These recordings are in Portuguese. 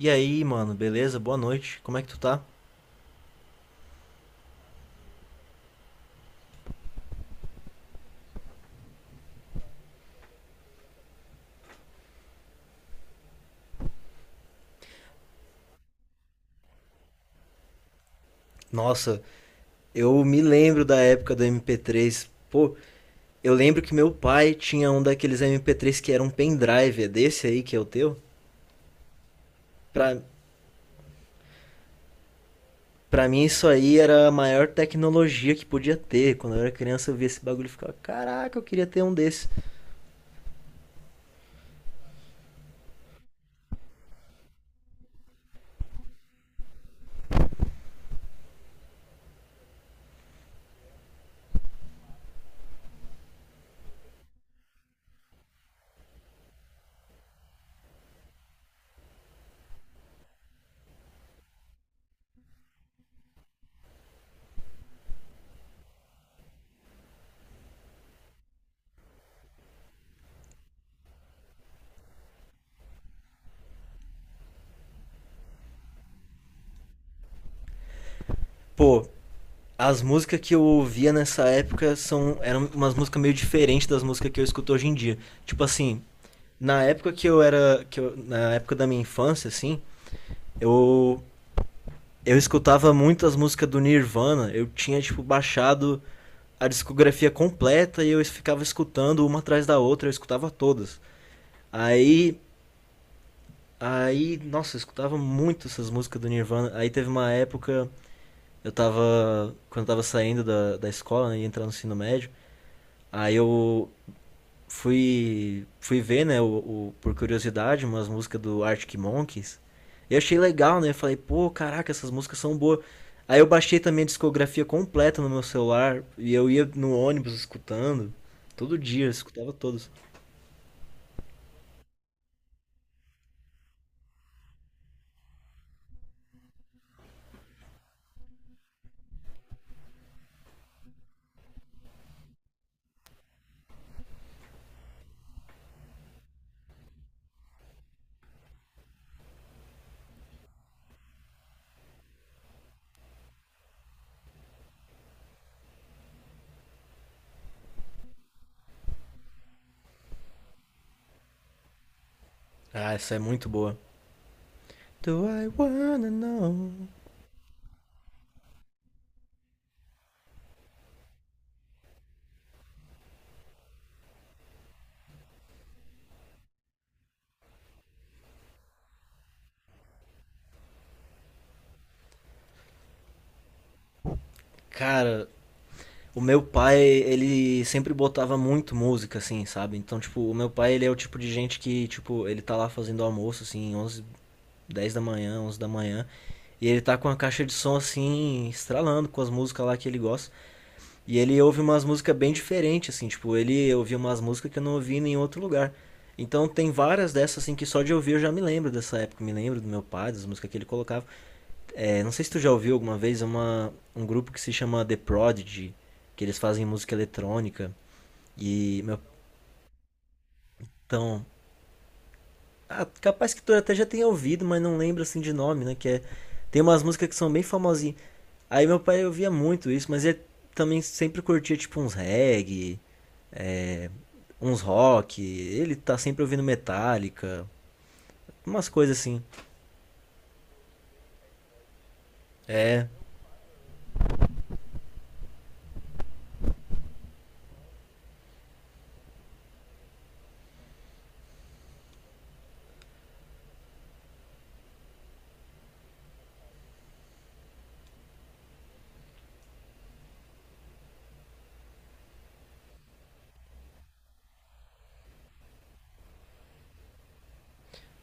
E aí, mano, beleza? Boa noite. Como é que tu tá? Nossa, eu me lembro da época do MP3. Pô, eu lembro que meu pai tinha um daqueles MP3 que era um pendrive, é desse aí que é o teu? Pra, pra mim isso aí era a maior tecnologia que podia ter. Quando eu era criança eu via esse bagulho e ficava, caraca, eu queria ter um desse. Pô, as músicas que eu ouvia nessa época são eram umas músicas meio diferentes das músicas que eu escuto hoje em dia. Tipo assim, na época que eu era, na época da minha infância assim, Eu eu escutava muito as músicas do Nirvana, eu tinha tipo baixado a discografia completa e eu ficava escutando uma atrás da outra, eu escutava todas. Aí, aí, nossa, eu escutava muito essas músicas do Nirvana. Aí teve uma época, eu tava quando eu tava saindo da escola, né, ia entrar no ensino médio, aí eu fui ver, né, por curiosidade, umas músicas do Arctic Monkeys. Eu achei legal, né? Falei, pô, caraca, essas músicas são boas. Aí eu baixei também a discografia completa no meu celular e eu ia no ônibus escutando. Todo dia, eu escutava todos. Ah, essa é muito boa. Do I wanna know? Cara, o meu pai, ele sempre botava muito música, assim, sabe? Então, tipo, o meu pai, ele é o tipo de gente que, tipo, ele tá lá fazendo almoço, assim, 11 10 da manhã, 11 da manhã. E ele tá com a caixa de som assim, estralando com as músicas lá que ele gosta. E ele ouve umas músicas bem diferentes, assim, tipo, ele ouvia umas músicas que eu não ouvi em nenhum outro lugar. Então tem várias dessas assim que só de ouvir eu já me lembro dessa época, me lembro do meu pai, das músicas que ele colocava. É, não sei se tu já ouviu alguma vez uma, um grupo que se chama The Prodigy, que eles fazem música eletrônica. E meu então, ah, capaz que tu até já tenha ouvido, mas não lembro assim de nome, né? Que é, tem umas músicas que são bem famosas. Aí meu pai ouvia muito isso, mas ele também sempre curtia tipo uns reggae, uns rock. Ele tá sempre ouvindo Metallica, umas coisas assim. É,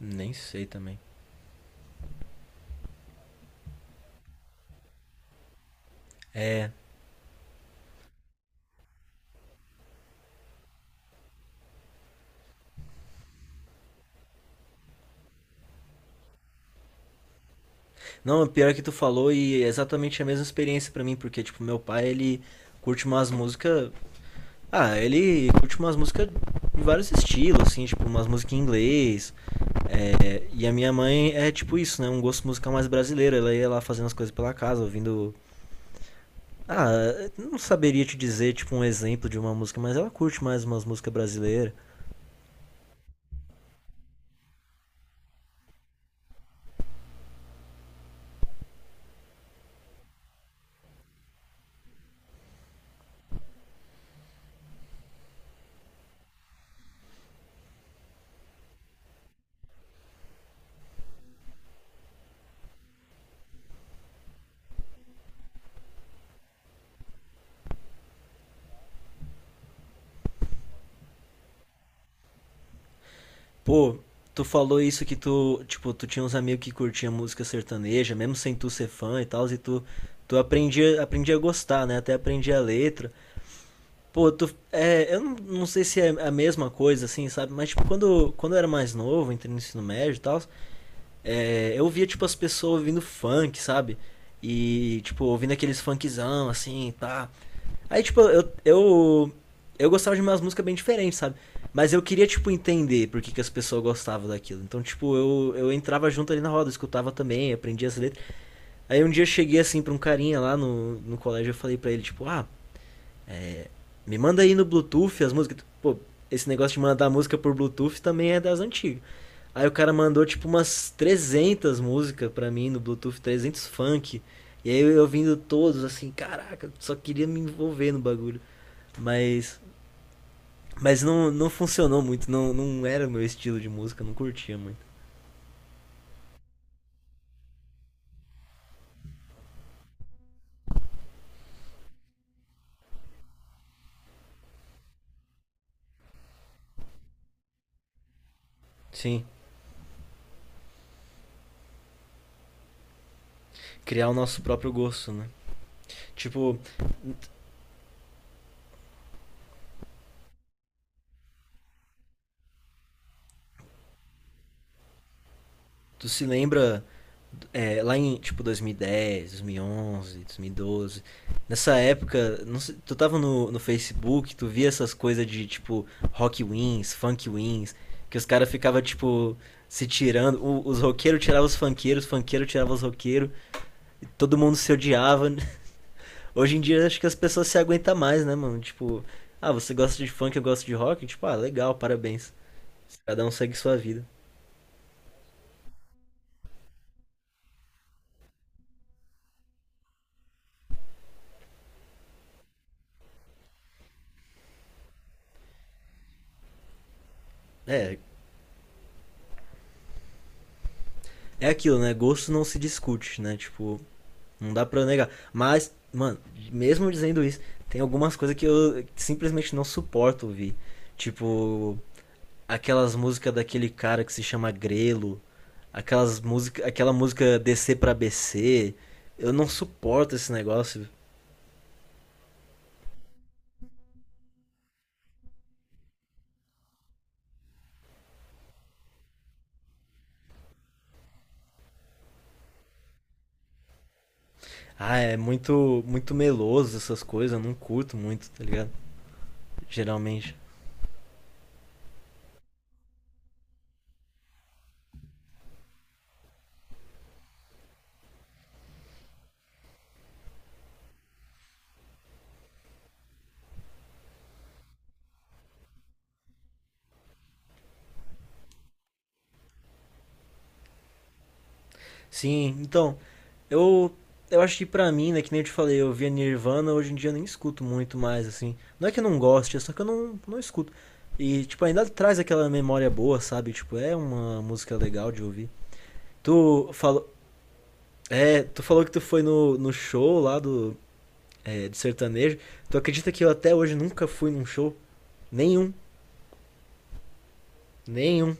nem sei também. Não, o pior é que tu falou e é exatamente a mesma experiência pra mim, porque tipo, meu pai, ele curte umas músicas. Ah, ele curte umas músicas de vários estilos, assim, tipo, umas músicas em inglês. É, e a minha mãe é tipo isso, né? Um gosto musical mais brasileiro. Ela ia lá fazendo as coisas pela casa, ouvindo. Ah, não saberia te dizer, tipo, um exemplo de uma música, mas ela curte mais umas músicas brasileiras. Pô, tu falou isso que tu, tipo, tu tinha uns amigos que curtiam música sertaneja, mesmo sem tu ser fã e tal, e tu, tu aprendia a gostar, né? Até aprendia a letra. Pô, tu, é, eu não, não sei se é a mesma coisa, assim, sabe? Mas, tipo, quando eu era mais novo, entrei no ensino médio e tal, é, eu via, tipo, as pessoas ouvindo funk, sabe? E, tipo, ouvindo aqueles funkzão, assim, pá. Aí, tipo, eu gostava de umas músicas bem diferentes, sabe? Mas eu queria, tipo, entender por que, que as pessoas gostavam daquilo. Então, tipo, eu entrava junto ali na roda, escutava também, aprendia as letras. Aí um dia eu cheguei, assim, pra um carinha lá no colégio, eu falei pra ele, tipo, ah, me manda aí no Bluetooth as músicas. Pô, esse negócio de mandar música por Bluetooth também é das antigas. Aí o cara mandou, tipo, umas 300 músicas pra mim no Bluetooth, 300 de funk. E aí eu ouvindo todos, assim, caraca, só queria me envolver no bagulho. Mas Mas não, não funcionou muito, não, não era o meu estilo de música, não curtia muito. Sim, criar o nosso próprio gosto, né? Tipo, tu se lembra é, lá em tipo 2010, 2011, 2012, nessa época, não sei, tu tava no Facebook, tu via essas coisas de tipo rock wins, funk wins, que os caras ficavam tipo se tirando, os roqueiros tiravam os funkeiros tiravam os roqueiros, todo mundo se odiava. Hoje em dia acho que as pessoas se aguentam mais, né, mano? Tipo, ah, você gosta de funk, eu gosto de rock? Tipo, ah, legal, parabéns. Cada um segue sua vida. É, é aquilo, né? Gosto não se discute, né? Tipo, não dá pra negar. Mas, mano, mesmo dizendo isso, tem algumas coisas que eu simplesmente não suporto ouvir. Tipo, aquelas músicas daquele cara que se chama Grelo, aquela música DC pra BC. Eu não suporto esse negócio. Ah, é muito, muito meloso essas coisas, eu não curto muito, tá ligado? Geralmente. Sim, então, eu eu acho que pra mim, né, que nem eu te falei, eu via Nirvana, hoje em dia eu nem escuto muito mais, assim. Não é que eu não goste, é só que eu não, não escuto. E, tipo, ainda traz aquela memória boa, sabe? Tipo, é uma música legal de ouvir. Tu falou. É, tu falou que tu foi no show lá do, é, de sertanejo. Tu acredita que eu até hoje nunca fui num show? Nenhum. Nenhum.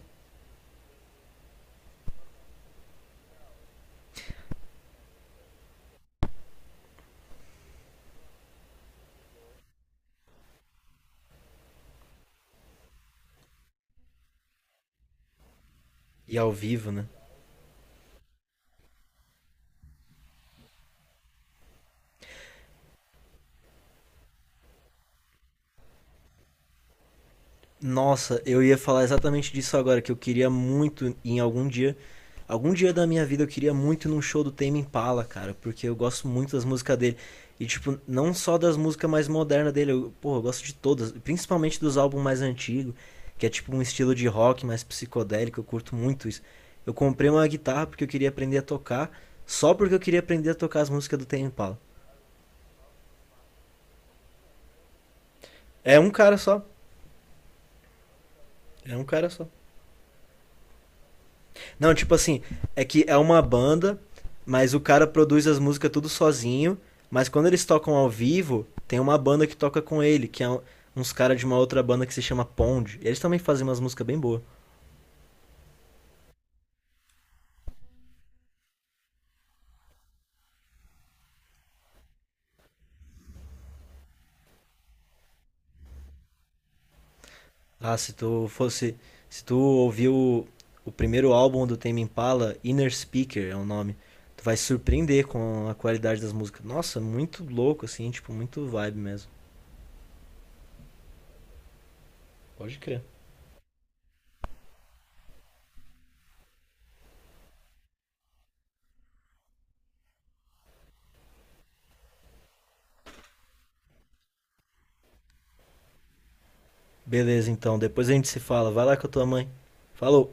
E ao vivo, né? Nossa, eu ia falar exatamente disso agora, que eu queria muito em algum dia. Algum dia da minha vida eu queria muito ir num show do Tame Impala, cara, porque eu gosto muito das músicas dele. E, tipo, não só das músicas mais modernas dele, eu, porra, eu gosto de todas, principalmente dos álbuns mais antigos, que é tipo um estilo de rock mais psicodélico, eu curto muito isso. Eu comprei uma guitarra porque eu queria aprender a tocar, só porque eu queria aprender a tocar as músicas do Tame Impala. É um cara só, é um cara só. Não, tipo assim, é que é uma banda, mas o cara produz as músicas tudo sozinho, mas quando eles tocam ao vivo, tem uma banda que toca com ele, uns caras de uma outra banda que se chama Pond. Eles também fazem umas músicas bem boas. Ah, se tu fosse, se tu ouviu o primeiro álbum do Tame Impala, Inner Speaker é o nome, tu vai se surpreender com a qualidade das músicas. Nossa, muito louco assim, tipo, muito vibe mesmo. Pode crer. Beleza, então, depois a gente se fala. Vai lá com a tua mãe. Falou.